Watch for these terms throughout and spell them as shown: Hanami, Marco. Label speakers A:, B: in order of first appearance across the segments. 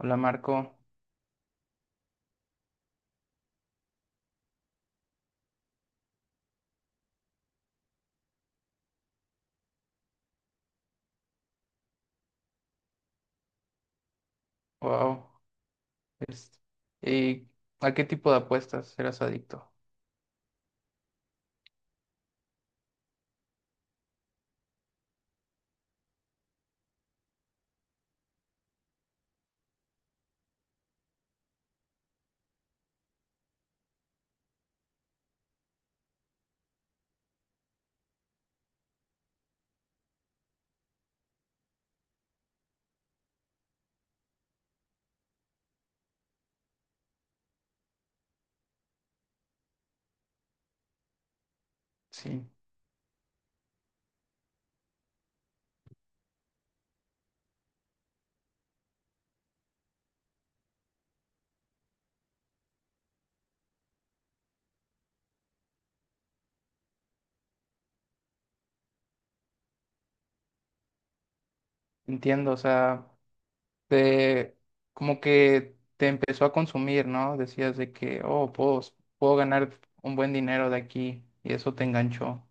A: Hola Marco, wow. Es- ¿Y a qué tipo de apuestas eras adicto? Sí, entiendo, o sea, te, como que te empezó a consumir, ¿no? Decías de que, oh, puedo ganar un buen dinero de aquí y eso te enganchó.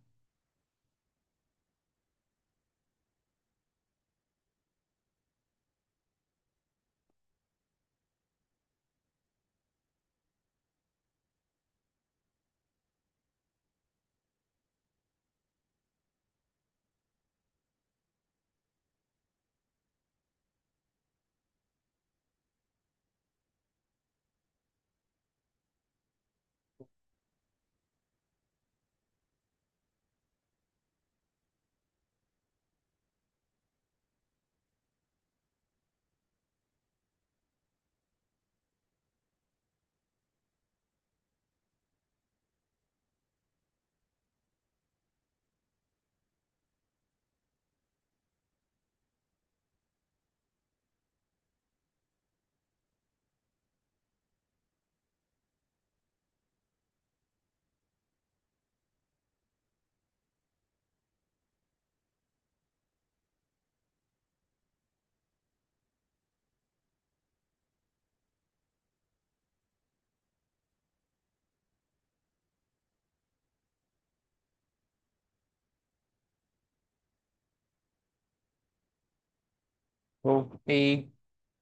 A: Oh. ¿Y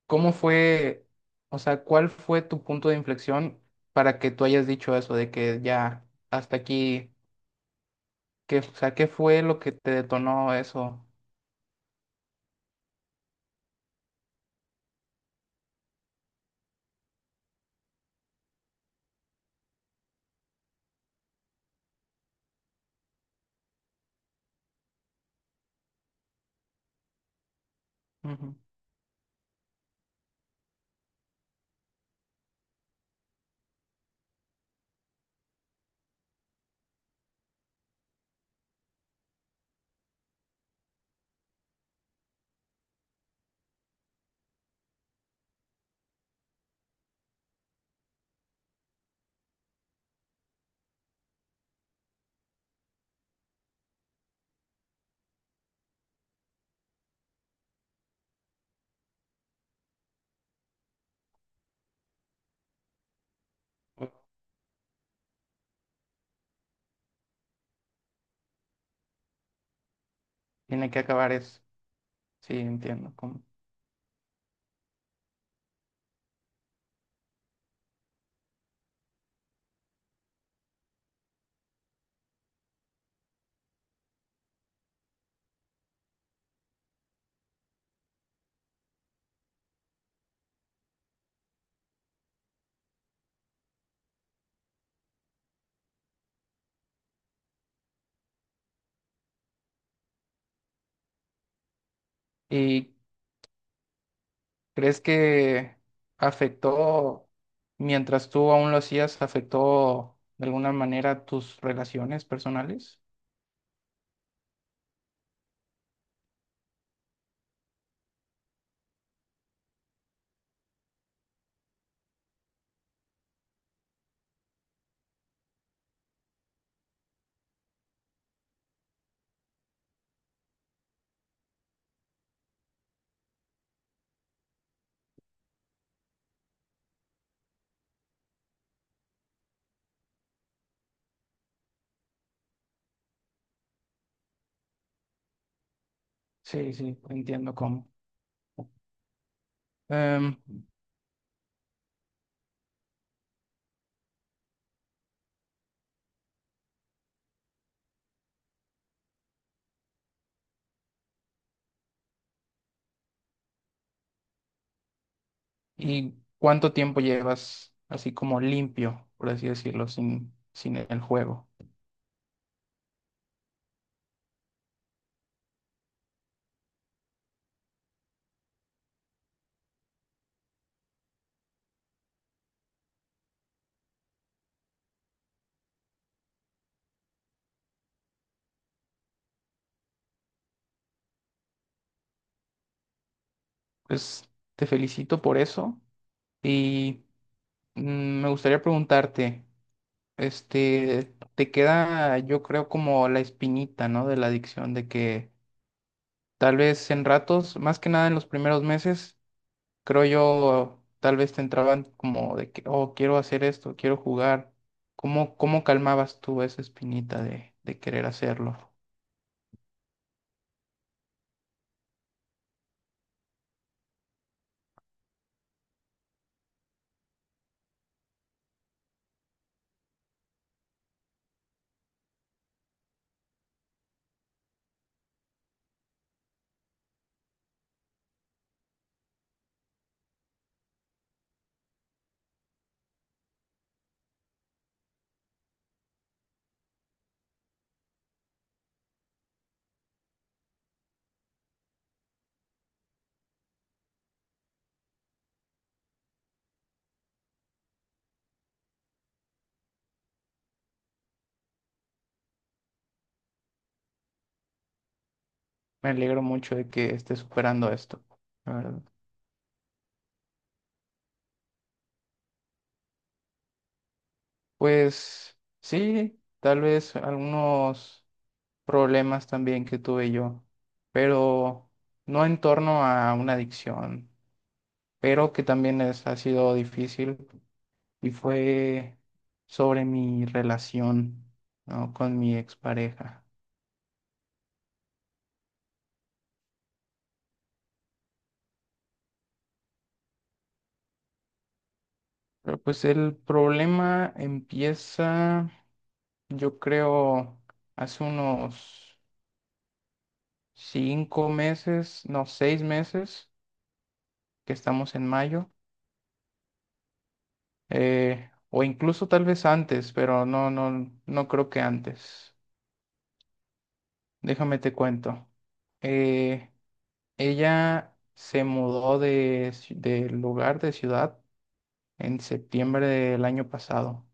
A: ¿Cómo fue, o sea, ¿cuál fue tu punto de inflexión para que tú hayas dicho eso de que ya hasta aquí, que, o sea, qué fue lo que te detonó eso? Ujú. Tiene que acabar eso. Sí, entiendo. Cómo. ¿Y crees que afectó, mientras tú aún lo hacías, afectó de alguna manera tus relaciones personales? Sí, entiendo cómo. ¿Y cuánto tiempo llevas así como limpio, por así decirlo, sin el juego? Pues te felicito por eso y me gustaría preguntarte, este, te queda yo creo como la espinita, ¿no? De la adicción, de que tal vez en ratos, más que nada en los primeros meses, creo yo, tal vez te entraban como de que, oh, quiero hacer esto, quiero jugar. ¿Cómo calmabas tú esa espinita de querer hacerlo? Me alegro mucho de que estés superando esto, la verdad. Pues sí, tal vez algunos problemas también que tuve yo, pero no en torno a una adicción, pero que también ha sido difícil y fue sobre mi relación, ¿no? Con mi expareja. Pero pues el problema empieza, yo creo, hace unos cinco meses, no, seis meses que estamos en mayo, o incluso tal vez antes, pero no creo que antes. Déjame te cuento. Eh, Ella se mudó de lugar, de ciudad, en septiembre del año pasado.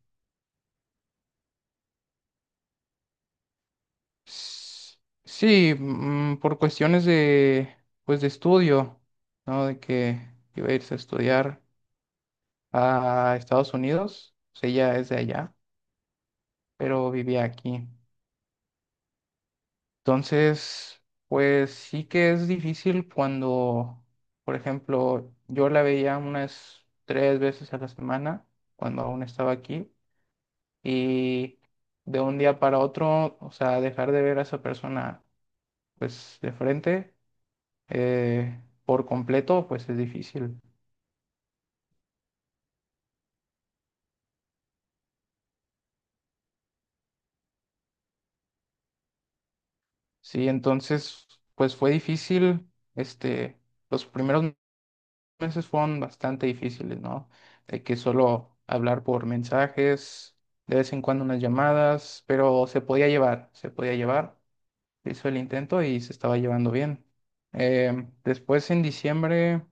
A: S- Sí, por cuestiones de, pues, de estudio, ¿no? De que iba a irse a estudiar a Estados Unidos, pues ella es de allá. Pero vivía aquí. Entonces, pues sí que es difícil cuando, por ejemplo, yo la veía unas 3 veces a la semana cuando aún estaba aquí y de un día para otro, o sea, dejar de ver a esa persona pues de frente por completo, pues es difícil. Sí, entonces, pues fue difícil, este, los primeros meses fueron bastante difíciles, ¿no? De que solo hablar por mensajes, de vez en cuando unas llamadas, pero se podía llevar. Se hizo el intento y se estaba llevando bien. Después, en diciembre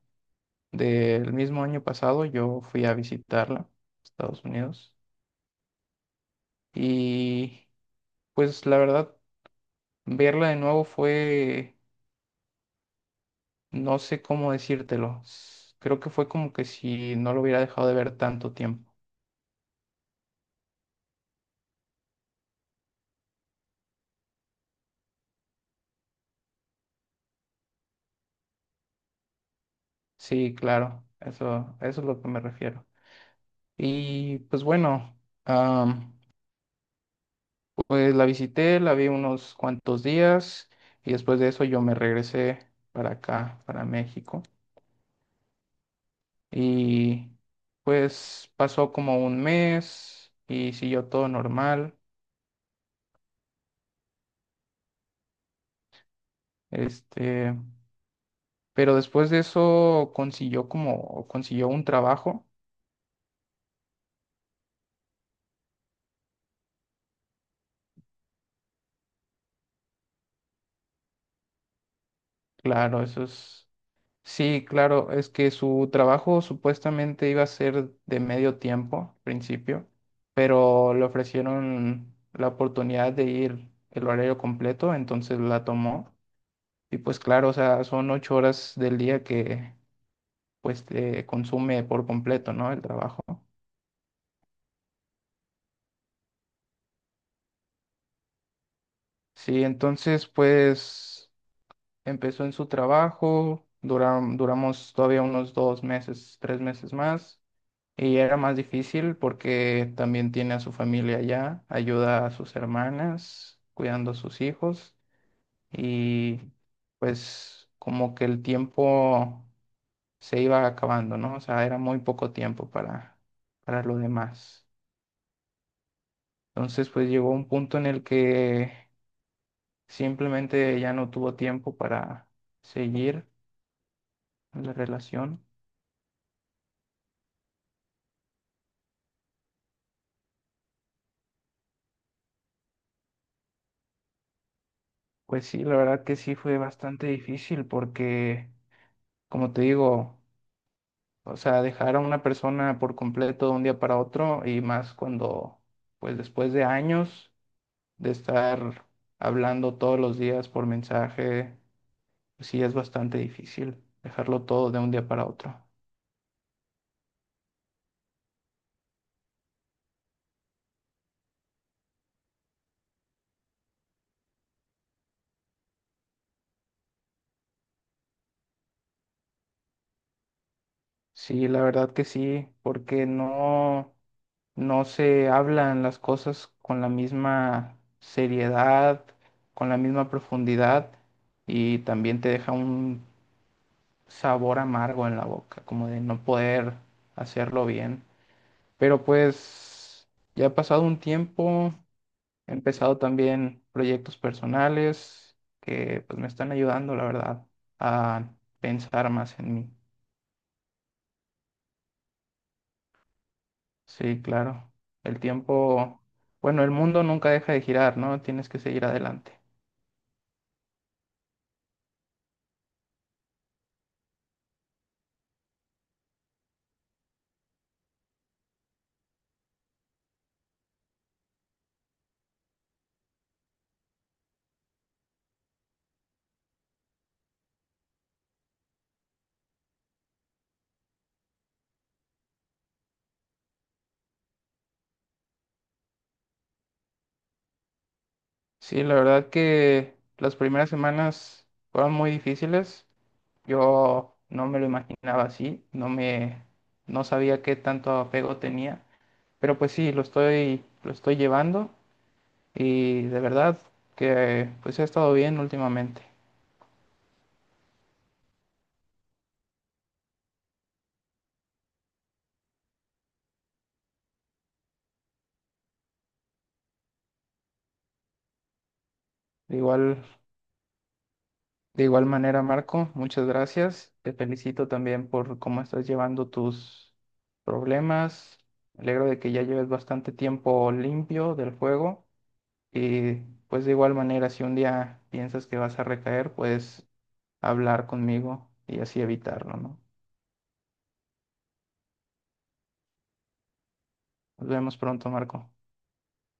A: del mismo año pasado, yo fui a visitarla, Estados Unidos, y pues la verdad, verla de nuevo fue, no sé cómo decírtelo. Creo que fue como que si no lo hubiera dejado de ver tanto tiempo. Sí, claro, eso es lo que me refiero. Y pues bueno, am, pues la visité, la vi unos cuantos días y después de eso yo me regresé para acá, para México. Y pues pasó como un mes y siguió todo normal. Este, pero después de eso consiguió un trabajo. Claro, eso es. Sí, claro, es que su trabajo supuestamente iba a ser de medio tiempo al principio, pero le ofrecieron la oportunidad de ir el horario completo, entonces la tomó. Y pues claro, o sea, son 8 horas del día que pues te consume por completo, ¿no? El trabajo. Sí, entonces pues empezó en su trabajo, duramos todavía unos dos meses, tres meses más. Y era más difícil porque también tiene a su familia allá, ayuda a sus hermanas, cuidando a sus hijos y pues como que el tiempo se iba acabando, ¿no? O sea, era muy poco tiempo para lo demás. Entonces pues llegó un punto en el que simplemente ya no tuvo tiempo para seguir la relación. Pues sí, la verdad que sí fue bastante difícil porque, como te digo, o sea, dejar a una persona por completo de un día para otro y más cuando, pues después de años de estar hablando todos los días por mensaje, pues sí es bastante difícil dejarlo todo de un día para otro. Sí, la verdad que sí, porque no se hablan las cosas con la misma seriedad, con la misma profundidad y también te deja un sabor amargo en la boca, como de no poder hacerlo bien. Pero pues ya ha pasado un tiempo, he empezado también proyectos personales que pues me están ayudando, la verdad, a pensar más en mí. Sí, claro. El tiempo, bueno, el mundo nunca deja de girar, ¿no? Tienes que seguir adelante. Sí, la verdad que las primeras semanas fueron muy difíciles. Yo no me lo imaginaba así, no sabía qué tanto apego tenía, pero pues sí, lo estoy llevando. Y de verdad que pues ha estado bien últimamente. De igual, de igual manera, Marco, muchas gracias. Te felicito también por cómo estás llevando tus problemas. Me alegro de que ya lleves bastante tiempo limpio del juego y pues de igual manera, si un día piensas que vas a recaer, puedes hablar conmigo y así evitarlo, ¿no? Nos vemos pronto, Marco.